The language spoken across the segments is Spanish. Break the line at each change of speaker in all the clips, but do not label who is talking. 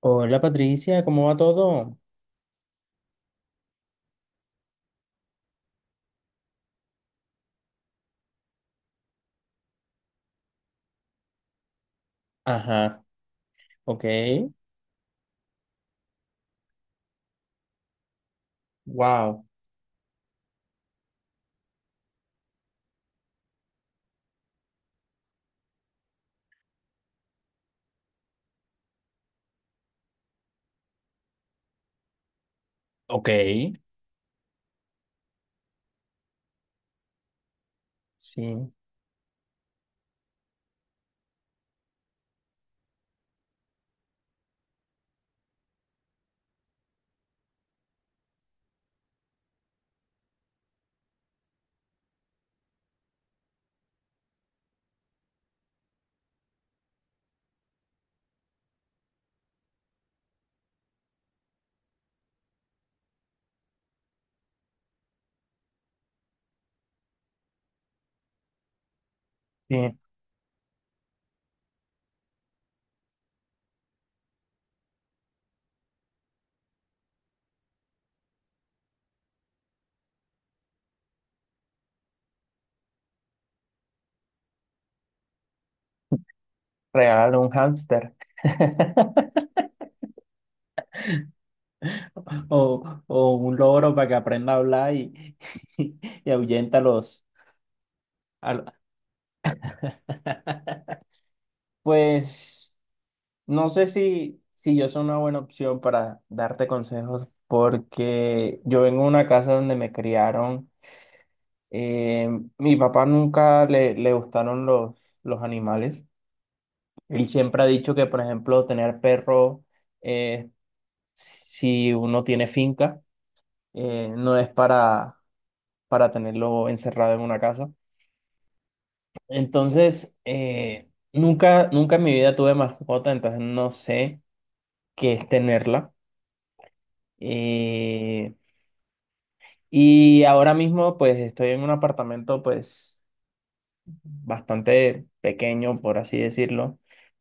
Hola Patricia, ¿cómo va todo? Ajá, ok, wow, ok, sí, sí, regálale un hámster o un loro para que aprenda a hablar y, y ahuyenta a los... a lo- Pues no sé si yo soy una buena opción para darte consejos porque yo vengo de una casa donde me criaron, eh, mi papá nunca le gustaron los animales. Él siempre ha dicho que, por ejemplo, tener perro, eh, si uno tiene finca, no es para tenerlo encerrado en una casa. Entonces, nunca en mi vida tuve mascota, entonces no sé qué es tenerla. Eh, y ahora mismo, pues, estoy en un apartamento, pues, bastante pequeño, por así decirlo,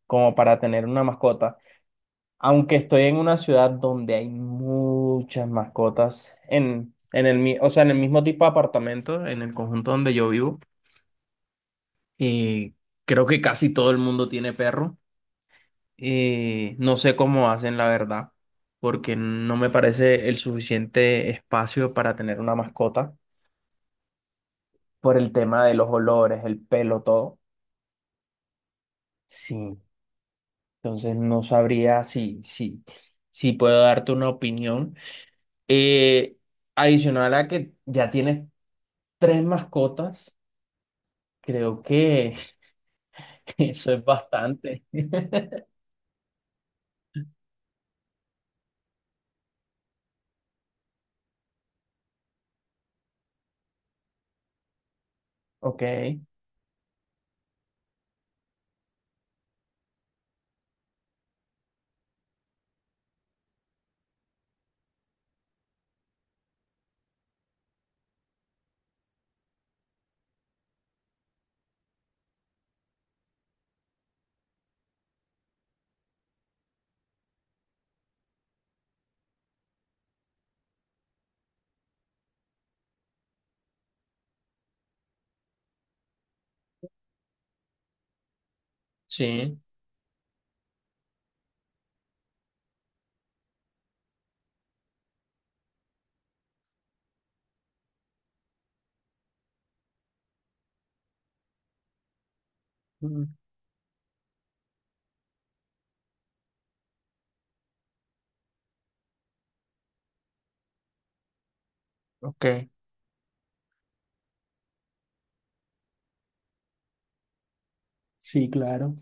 como para tener una mascota. Aunque estoy en una ciudad donde hay muchas mascotas o sea, en el mismo tipo de apartamento, en el conjunto donde yo vivo, y creo que casi todo el mundo tiene perro. Y no sé cómo hacen la verdad, porque no me parece el suficiente espacio para tener una mascota por el tema de los olores, el pelo, todo. Sí, entonces no sabría si puedo darte una opinión. Eh, Adicional a que ya tienes tres mascotas, creo que eso es bastante. Ok, sí, mm, ok. Sí, claro.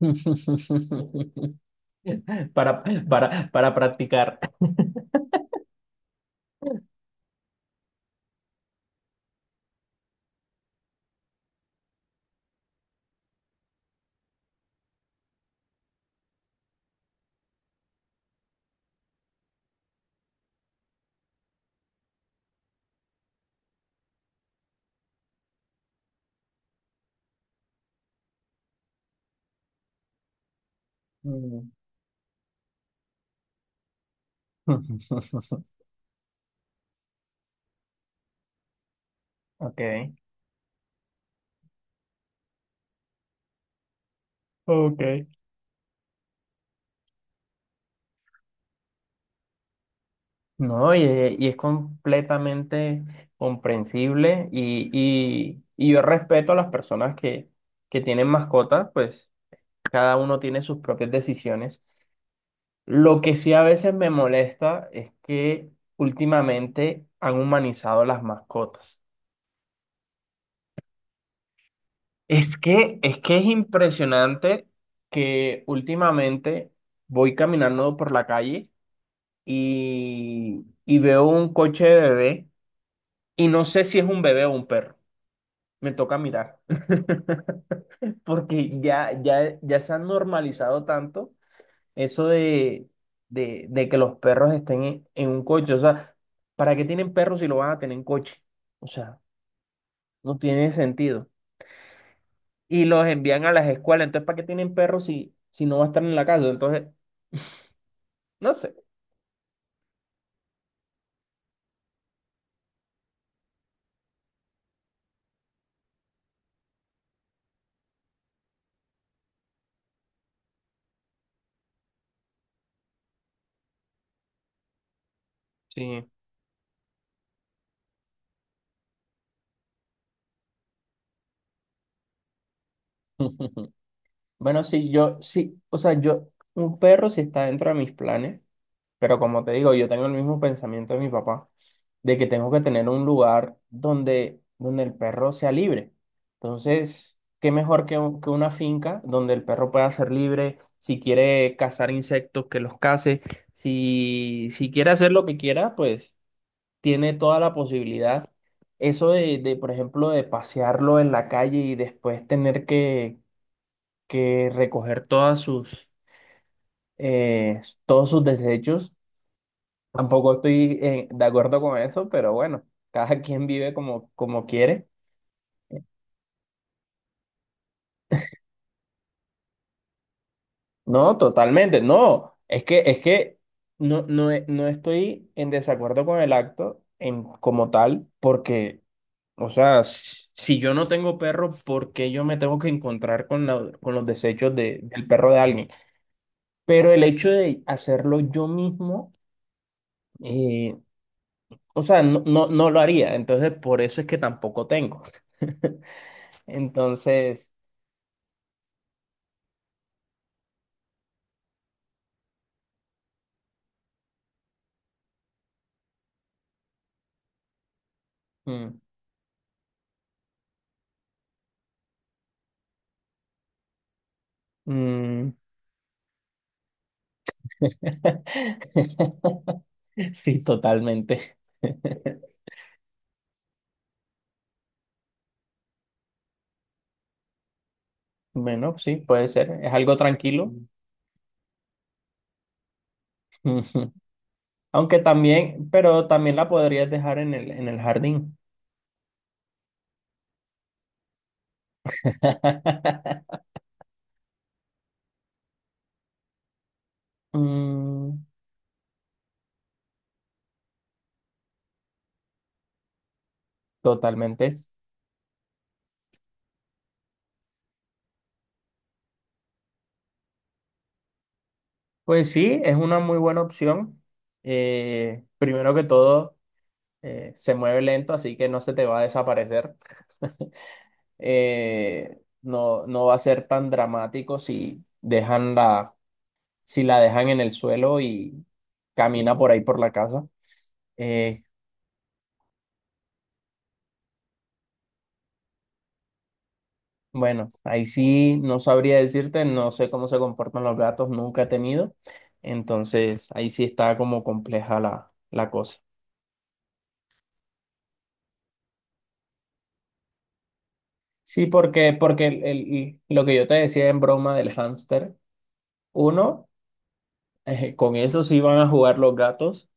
Para, para practicar. Mm, ok. Ok. No, es es completamente comprensible y yo respeto a las personas que tienen mascotas, pues cada uno tiene sus propias decisiones. Lo que sí a veces me molesta es que últimamente han humanizado las mascotas. Es que es impresionante que últimamente voy caminando por la calle y veo un coche de bebé y no sé si es un bebé o un perro. Me toca mirar. Porque ya se han normalizado tanto eso de que los perros estén en un coche. O sea, ¿para qué tienen perros si lo van a tener en coche? O sea, no tiene sentido. Y los envían a las escuelas. Entonces, ¿para qué tienen perros si, si no va a estar en la casa? Entonces, no sé. Sí. Bueno, sí, yo, sí, o sea, yo, un perro sí está dentro de mis planes. Pero como te digo, yo tengo el mismo pensamiento de mi papá, de que tengo que tener un lugar donde el perro sea libre. Entonces, qué mejor que, que una finca donde el perro pueda ser libre, si quiere cazar insectos, que los case, si quiere hacer lo que quiera, pues tiene toda la posibilidad. Eso por ejemplo, de pasearlo en la calle y después tener que recoger todas sus, eh, todos sus desechos. Tampoco estoy de acuerdo con eso, pero bueno, cada quien vive como, como quiere. No, totalmente, no. Es que no, no, no estoy en desacuerdo con el acto en, como tal, porque, o sea, si yo no tengo perro, ¿por qué yo me tengo que encontrar con, con los desechos del perro de alguien? Pero el hecho de hacerlo yo mismo, eh, o sea, no, no, no lo haría. Entonces, por eso es que tampoco tengo. Entonces... mm, mm. Sí, totalmente. Bueno, sí, puede ser. Es algo tranquilo. Ujú. Aunque también, pero también la podrías dejar en el jardín. Mm, totalmente. Pues sí, es una muy buena opción. Primero que todo, se mueve lento, así que no se te va a desaparecer. No, no va a ser tan dramático si dejan la, si la dejan en el suelo y camina por ahí por la casa. Eh, bueno, ahí sí no sabría decirte, no sé cómo se comportan los gatos, nunca he tenido. Entonces, ahí sí está como compleja la cosa. Sí, porque, porque lo que yo te decía en broma del hámster, uno, con eso sí van a jugar los gatos,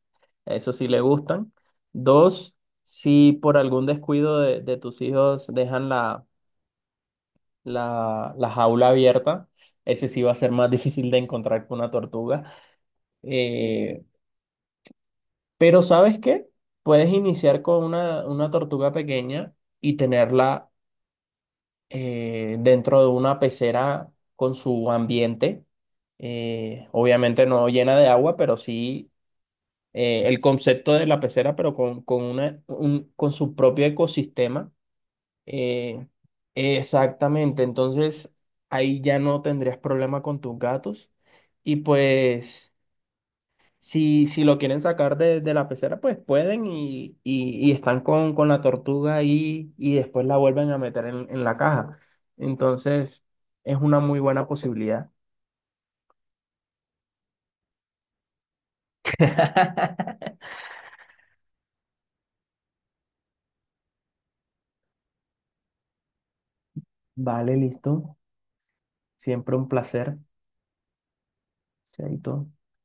a eso sí le gustan. Dos, si por algún descuido de tus hijos dejan la, la jaula abierta. Ese sí va a ser más difícil de encontrar que una tortuga. Eh, pero ¿sabes qué? Puedes iniciar con una tortuga pequeña y tenerla dentro de una pecera con su ambiente. Obviamente no llena de agua, pero sí el concepto de la pecera, pero con, una, con su propio ecosistema. Eh, Exactamente, entonces ahí ya no tendrías problema con tus gatos. Y pues, si lo quieren sacar de la pecera, pues pueden y están con la tortuga ahí y después la vuelven a meter en la caja. Entonces, es una muy buena posibilidad. Vale, listo. Siempre un placer. Chaito.